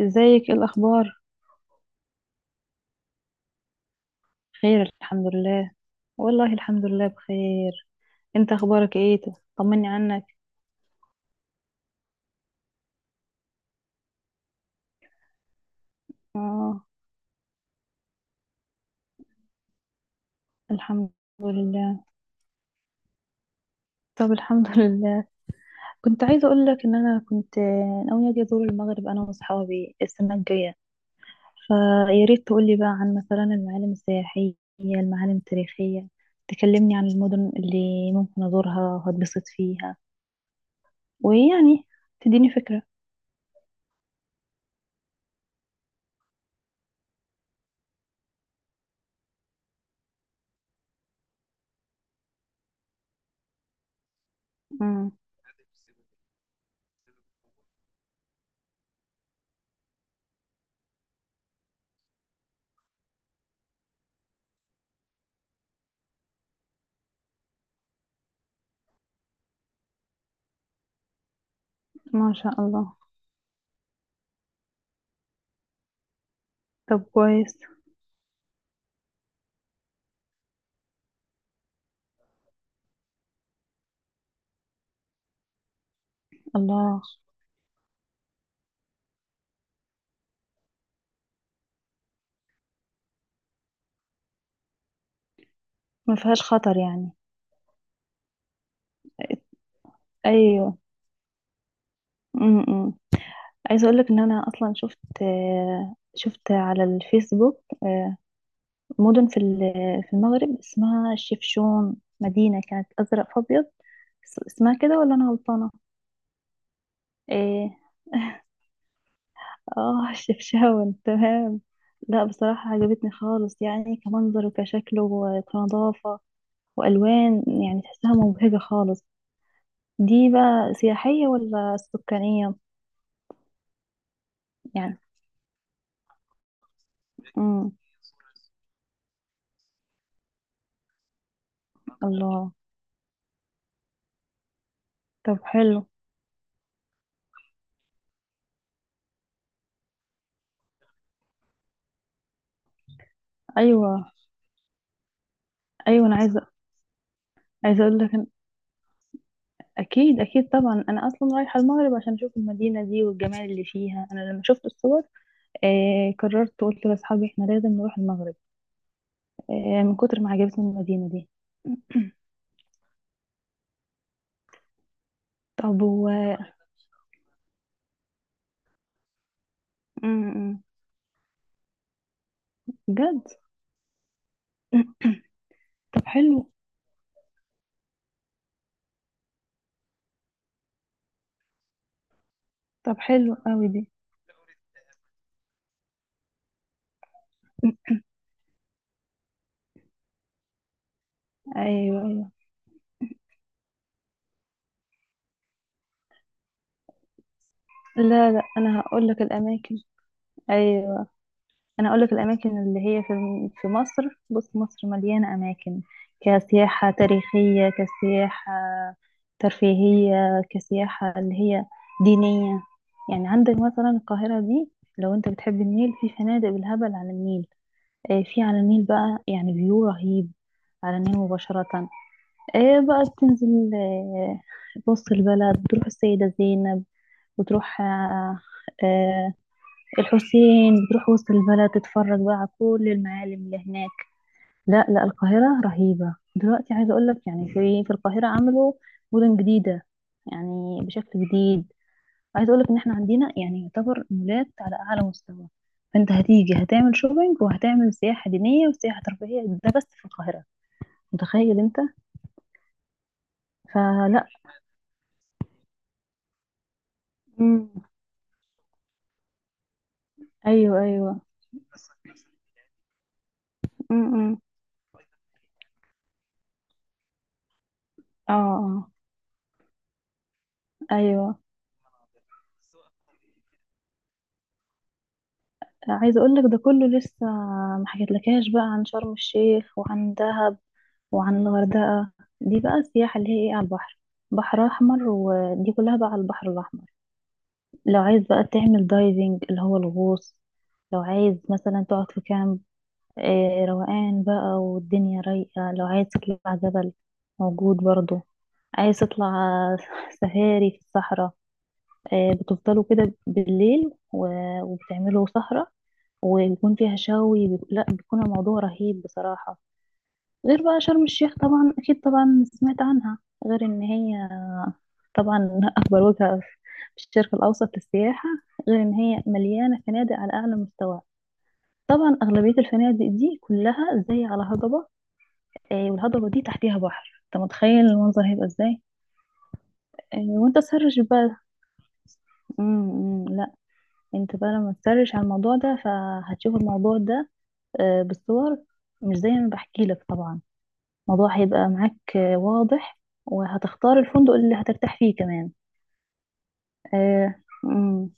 ازيك؟ ايه الاخبار؟ خير، الحمد لله. والله، الحمد لله بخير. انت اخبارك ايه؟ طمني عنك. اه، الحمد لله. طب الحمد لله. كنت عايزه اقول لك ان انا كنت ناويه اجي ازور المغرب انا واصحابي السنه الجايه. فيا ريت تقولي بقى عن مثلا المعالم السياحيه، المعالم التاريخيه. تكلمني عن المدن اللي ممكن ازورها وهتبسط فيها ويعني تديني فكره. امم. ما شاء الله. طب كويس. الله. ما فيهاش خطر يعني؟ ايوه. امم. عايزه اقول لك ان انا اصلا شفت، شفت على الفيسبوك. مدن في في المغرب اسمها الشفشون، مدينه كانت ازرق في ابيض. اسمها كده ولا انا غلطانه؟ ايه. اه الشفشاون، تمام. لا، بصراحه عجبتني خالص، يعني كمنظر وكشكل وكنظافه والوان. يعني تحسها مبهجه خالص. دي بقى سياحيه ولا سكانيه؟ يعني. امم. الله. طب حلو. ايوه، ايوه، انا عايزه. عايزه اقول لك أن... اكيد اكيد، طبعا انا اصلا رايحه المغرب عشان اشوف المدينه دي والجمال اللي فيها. انا لما شفت الصور قررت، قلت لاصحابي احنا لازم نروح المغرب من كتر ما عجبتني المدينه دي. طب و م- م. بجد. طب حلو. طب حلو قوي دي. ايوه ايوه. لا لا، انا هقول لك الاماكن. ايوه، انا اقول لك الاماكن اللي هي في مصر. بص، مصر مليانه اماكن، كسياحه تاريخيه، كسياحه ترفيهيه، كسياحه اللي هي دينيه. يعني عندك مثلا القاهره دي، لو انت بتحب النيل، في فنادق بالهبل على النيل. في على النيل بقى يعني فيو رهيب، على النيل مباشره. بقى بتنزل وسط البلد، تروح السيده زينب وتروح الحسين، بتروح وسط البلد تتفرج بقى على كل المعالم اللي هناك. لا لا، القاهرة رهيبة دلوقتي. عايزة أقول لك يعني في القاهرة عملوا مدن جديدة يعني بشكل جديد. عايزة أقول لك إن إحنا عندنا يعني يعتبر مولات على أعلى مستوى. فأنت هتيجي هتعمل شوبينج وهتعمل سياحة دينية وسياحة ترفيهية، ده بس في القاهرة. متخيل أنت؟ فلا. مم. أيوه أيوه. مم. مم. اه. آه. أيوه. عايزه اقول لك ده كله لسه ما حكيتلكاش بقى عن شرم الشيخ وعن دهب وعن الغردقه. دي بقى السياحه اللي هي ايه، على البحر، بحر احمر، ودي كلها بقى على البحر الاحمر. لو عايز بقى تعمل دايفنج اللي هو الغوص، لو عايز مثلا تقعد في كامب، روقان بقى والدنيا رايقه، لو عايز تطلع جبل موجود برضو. عايز تطلع سفاري في الصحراء، بتفضلوا كده بالليل وبتعملوا سهرة، ويكون فيها لا، بيكون الموضوع رهيب بصراحة. غير بقى شرم الشيخ، طبعا أكيد، طبعا سمعت عنها، غير إن هي طبعا أكبر وجهة في الشرق الأوسط للسياحة. غير إن هي مليانة فنادق على أعلى مستوى. طبعا أغلبية الفنادق دي كلها زي على هضبة، والهضبة دي تحتيها بحر. أنت متخيل المنظر هيبقى إزاي؟ وأنت سهر بقى. إمم، إمم. انت بقى لما تسرش على الموضوع ده فهتشوف الموضوع ده بالصور، مش زي ما بحكي لك طبعا. الموضوع هيبقى معاك واضح، وهتختار الفندق اللي هترتاح فيه كمان. آه، مم.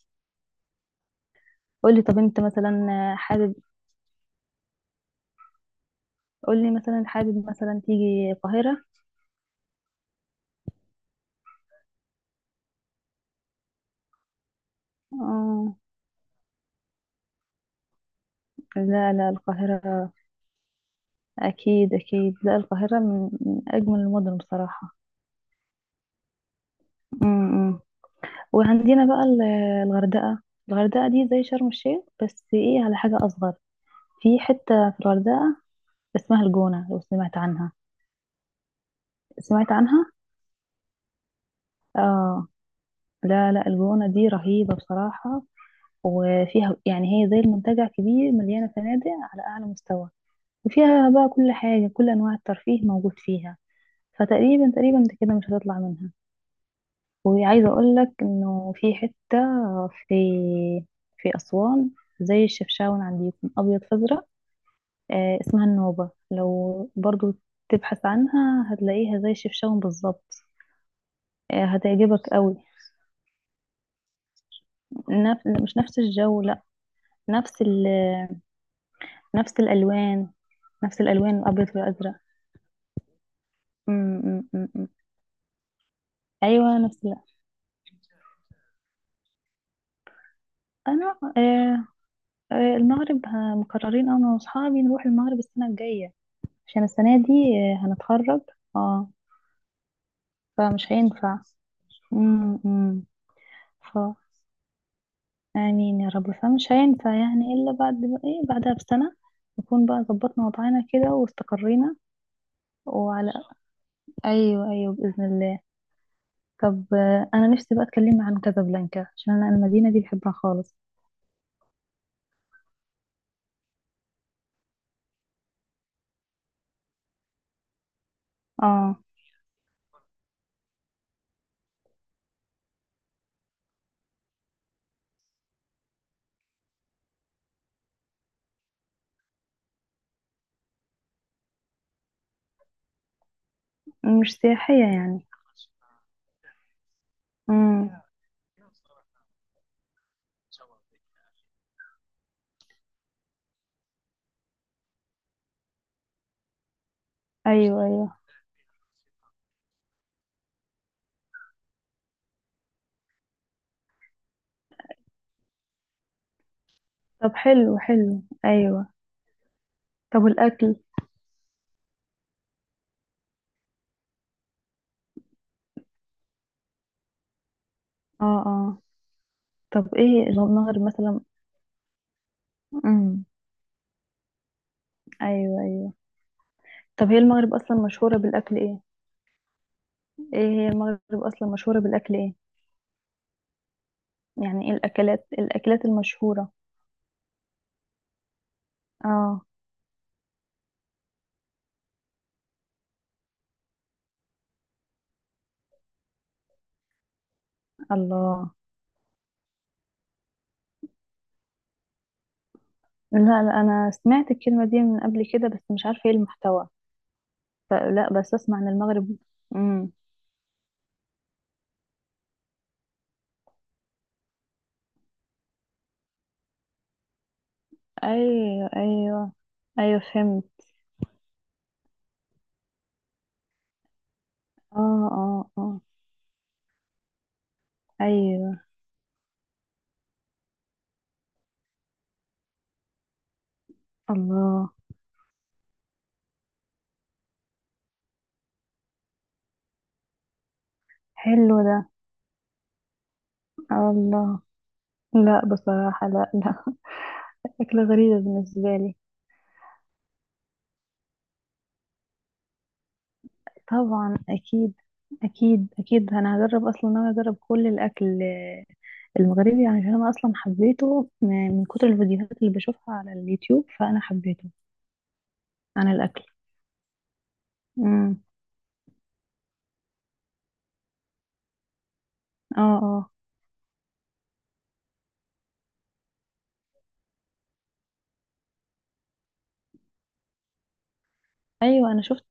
قولي، طب انت مثلا حابب، قولي مثلا حابب مثلا تيجي القاهرة؟ آه، لا لا، القاهرة أكيد أكيد. لا، القاهرة من أجمل المدن بصراحة. مم. وعندنا بقى الغردقة. الغردقة دي زي شرم الشيخ بس ايه، على حاجة أصغر. في حتة في الغردقة اسمها الجونة، لو سمعت عنها. سمعت عنها؟ اه. لا لا، الجونة دي رهيبة بصراحة. وفيها يعني هي زي المنتجع كبير، مليانة فنادق على أعلى مستوى. وفيها بقى كل حاجة، كل أنواع الترفيه موجود فيها. فتقريبا تقريبا انت كده مش هتطلع منها. وعايزة أقولك إنه في حتة في في أسوان زي الشفشاون عندكم، أبيض فأزرق. اسمها النوبة، لو برضو تبحث عنها هتلاقيها زي الشفشاون بالظبط. هتعجبك قوي. نف... مش نفس الجو، لا. نفس ال... نفس الألوان، نفس الألوان الأبيض والأزرق. م- م- م- م. أيوة نفس أنا المغرب مقررين أنا وأصحابي نروح المغرب السنة الجاية. عشان السنة دي هنتخرج. اه. فمش هينفع. م- م. آمين يا رب. فمش هينفع يعني إلا بعد إيه، بعدها بسنة نكون بقى ظبطنا وضعنا كده واستقرينا. وعلى أيوه أيوه، بإذن الله. طب أنا نفسي بقى أتكلم عن كازابلانكا، عشان أنا المدينة دي بحبها خالص. اه. مش سياحية يعني. امم. أيوه أيوه. طب حلو حلو، أيوه. طب الأكل. اه اه. طب إيه المغرب مثلا. امم. أيوه أيوه. طب هي المغرب أصلا مشهورة بالأكل إيه؟ إيه هي المغرب أصلا مشهورة بالأكل إيه؟ يعني ايه الاكلات، الاكلات المشهورة. اه. الله. لا لا، انا سمعت الكلمة دي من قبل كده، بس مش عارفة ايه المحتوى. فلا بس اسمع عن المغرب. امم. ايوه ايوه. ايوه فهمت. اه اه. اه. ايوه. الله. حلو ده. الله. لا، بصراحة لا لا. أكلة غريبة بالنسبة لي. طبعا أكيد. أكيد أكيد، أنا هجرب. أصلا أنا أجرب كل الأكل المغربي، يعني، عشان انا اصلا حبيته من كتر الفيديوهات اللي بشوفها على اليوتيوب، فانا حبيته عن الاكل. امم. اه اه. ايوه انا شفت.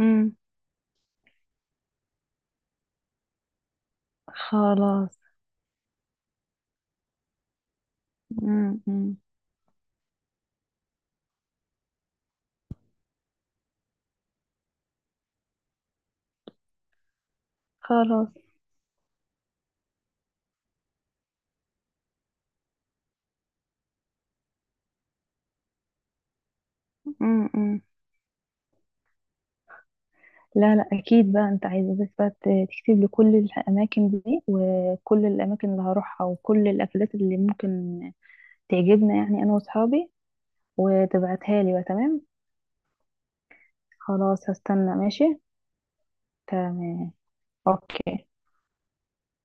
امم. خلاص. امم. خلاص. امم. لا لا، اكيد بقى، انت عايزه بس بقى تكتب لي كل الاماكن دي، وكل الاماكن اللي هروحها، وكل الاكلات اللي ممكن تعجبنا، يعني انا واصحابي، وتبعتها لي بقى، تمام. خلاص، هستنى، ماشي. تمام. اوكي.